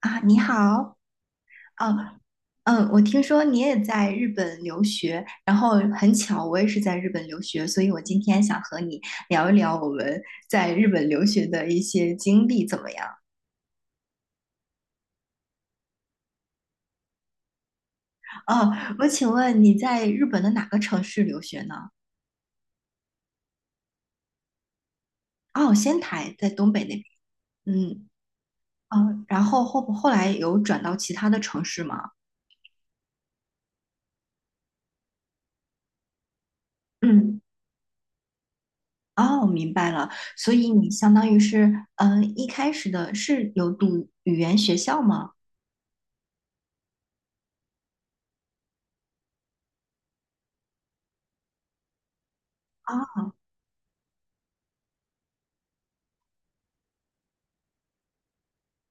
啊，你好。哦。我听说你也在日本留学，然后很巧，我也是在日本留学，所以我今天想和你聊一聊我们在日本留学的一些经历，怎么样？哦，我请问你在日本的哪个城市留学呢？哦，仙台，在东北那边。嗯。哦，然后后来有转到其他的城市吗？嗯。哦，明白了，所以你相当于是，一开始的是有读语言学校吗？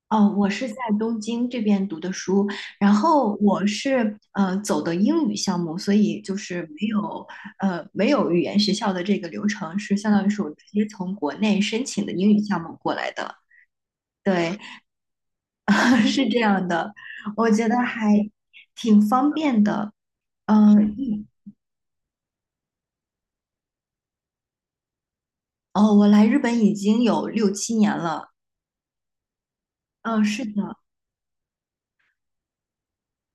哦，我是在东京这边读的书，然后我是走的英语项目，所以就是没有语言学校的这个流程，是相当于是我直接从国内申请的英语项目过来的。对。是这样的，我觉得还挺方便的。嗯。哦，我来日本已经有六七年了。嗯。是的。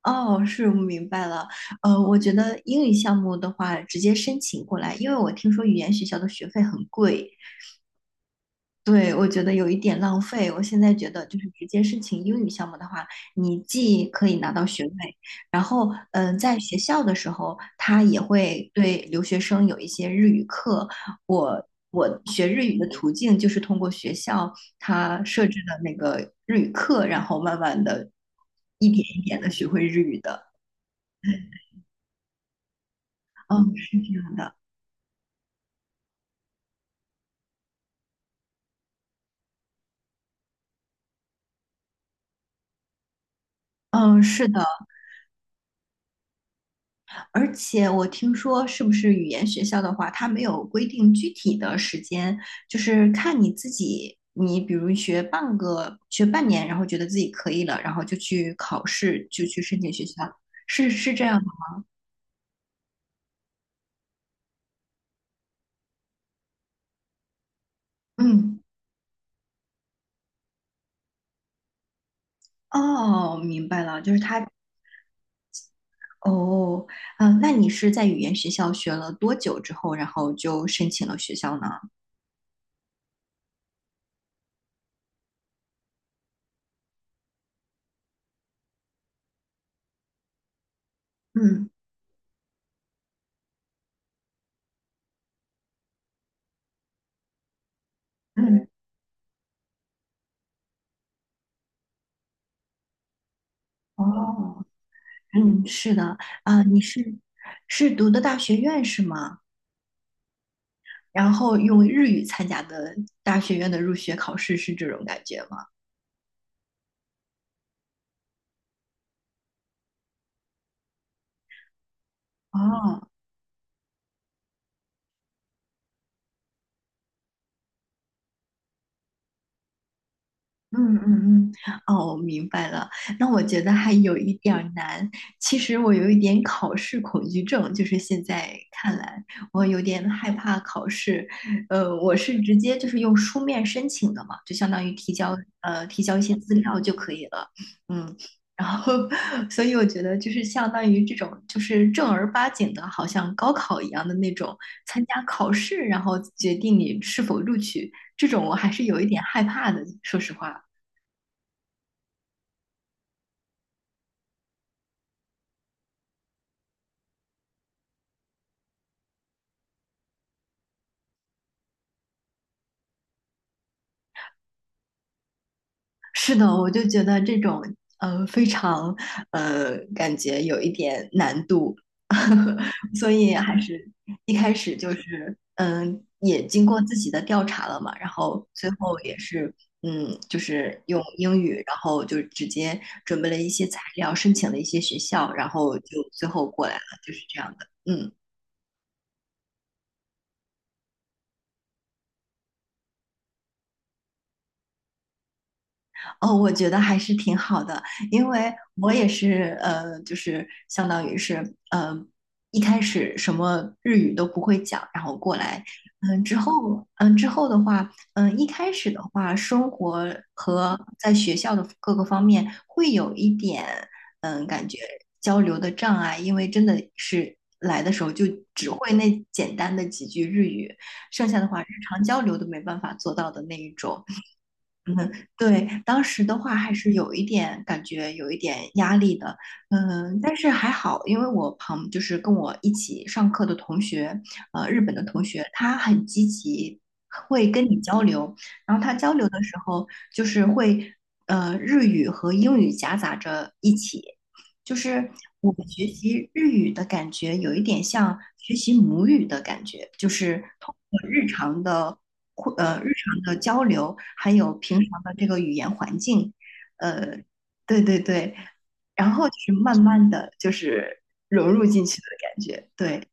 哦，是，我明白了。我觉得英语项目的话，直接申请过来，因为我听说语言学校的学费很贵，对，我觉得有一点浪费。我现在觉得，就是直接申请英语项目的话，你既可以拿到学位，然后，在学校的时候，他也会对留学生有一些日语课。我学日语的途径就是通过学校他设置的那个日语课，然后慢慢的一点一点的学会日语的。嗯。是这样的。嗯，是的。而且我听说，是不是语言学校的话，它没有规定具体的时间，就是看你自己，你比如学半个，学半年，然后觉得自己可以了，然后就去考试，就去申请学校，是这样吗？嗯。哦，明白了，就是他，哦。那你是在语言学校学了多久之后，然后就申请了学校呢？嗯嗯。哦。嗯，是的。啊，你是读的大学院是吗？然后用日语参加的大学院的入学考试是这种感觉吗？哦。嗯嗯嗯。哦，我明白了。那我觉得还有一点儿难。其实我有一点考试恐惧症，就是现在看来，我有点害怕考试。我是直接就是用书面申请的嘛，就相当于提交一些资料就可以了。嗯。然后 所以我觉得就是相当于这种就是正儿八经的，好像高考一样的那种参加考试，然后决定你是否录取，这种我还是有一点害怕的，说实话。是的，我就觉得这种非常感觉有一点难度，所以还是一开始就是也经过自己的调查了嘛，然后最后也是就是用英语，然后就直接准备了一些材料，申请了一些学校，然后就最后过来了，就是这样的。嗯。哦，我觉得还是挺好的，因为我也是就是相当于是呃，一开始什么日语都不会讲，然后过来，嗯、之后之后的话，一开始的话，生活和在学校的各个方面会有一点感觉交流的障碍，因为真的是来的时候就只会那简单的几句日语，剩下的话日常交流都没办法做到的那一种。嗯。对，当时的话还是有一点感觉，有一点压力的，嗯，但是还好，因为就是跟我一起上课的同学，日本的同学，他很积极，会跟你交流，然后他交流的时候就是会，日语和英语夹杂着一起，就是我学习日语的感觉有一点像学习母语的感觉，就是通过日常的。日常的交流，还有平常的这个语言环境，呃，对对对，然后就是慢慢的就是融入进去的感觉，对。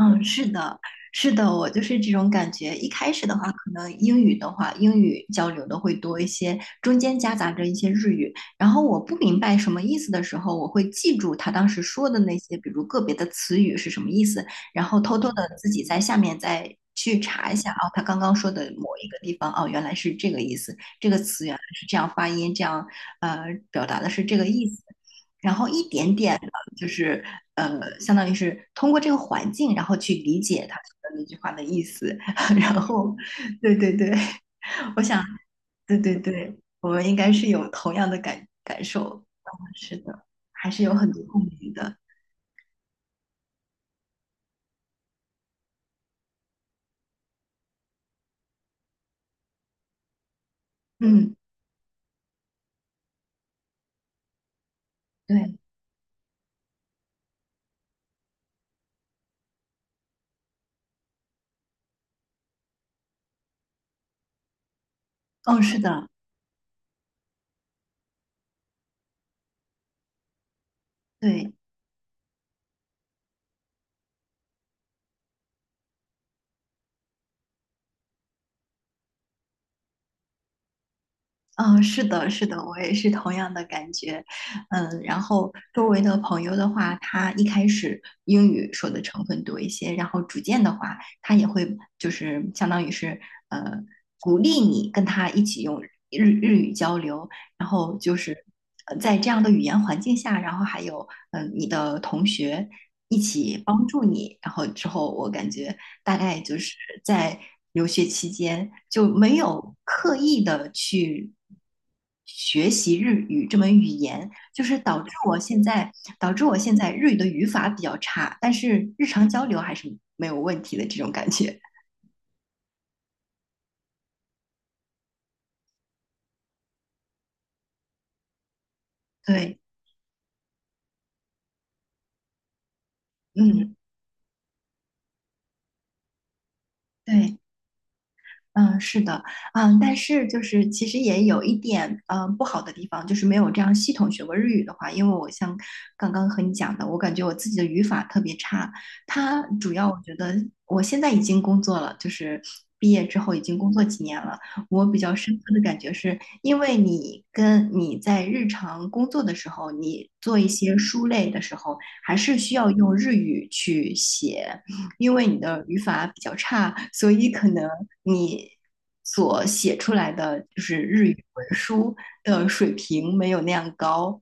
嗯。是的，是的，我就是这种感觉。一开始的话，可能英语的话，英语交流的会多一些，中间夹杂着一些日语。然后我不明白什么意思的时候，我会记住他当时说的那些，比如个别的词语是什么意思，然后偷偷的自己在下面再去查一下，哦，他刚刚说的某一个地方，哦，原来是这个意思，这个词原来是这样发音，这样呃表达的是这个意思。然后一点点。就是相当于是通过这个环境，然后去理解他说的那句话的意思。然后，对对对，我想，对对对，我们应该是有同样的感受。嗯，是的，还是有很多共鸣的。嗯。对。哦，是的。对。嗯，是的，是的，我也是同样的感觉。嗯，然后周围的朋友的话，他一开始英语说的成分多一些，然后逐渐的话，他也会就是相当于是呃鼓励你跟他一起用日语交流，然后就是在这样的语言环境下，然后还有你的同学一起帮助你，然后之后我感觉大概就是在留学期间就没有刻意的去学习日语这门语言，就是导致我现在日语的语法比较差，但是日常交流还是没有问题的这种感觉。对。嗯。对。嗯，是的。但是就是其实也有一点不好的地方，就是没有这样系统学过日语的话，因为我像刚刚和你讲的，我感觉我自己的语法特别差。它主要我觉得我现在已经工作了，就是毕业之后已经工作几年了，我比较深刻的感觉是，因为你在日常工作的时候，你做一些书类的时候，还是需要用日语去写。因为你的语法比较差，所以可能你所写出来的就是日语文书的水平没有那样高，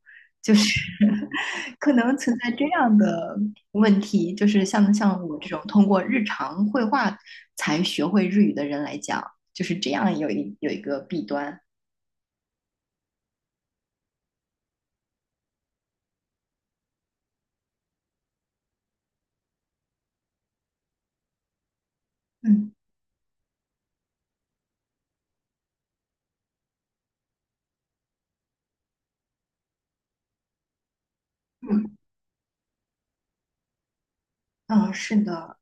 可能存在这样的问题，就是像我这种通过日常绘画才学会日语的人来讲，就是这样有一个弊端。嗯嗯嗯。是的。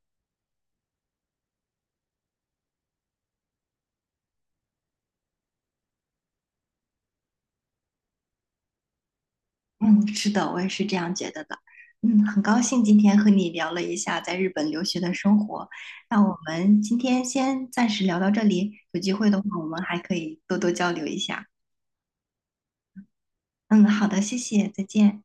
嗯，是的，我也是这样觉得的。嗯，很高兴今天和你聊了一下在日本留学的生活。那我们今天先暂时聊到这里，有机会的话，我们还可以多多交流一下。嗯，好的，谢谢，再见。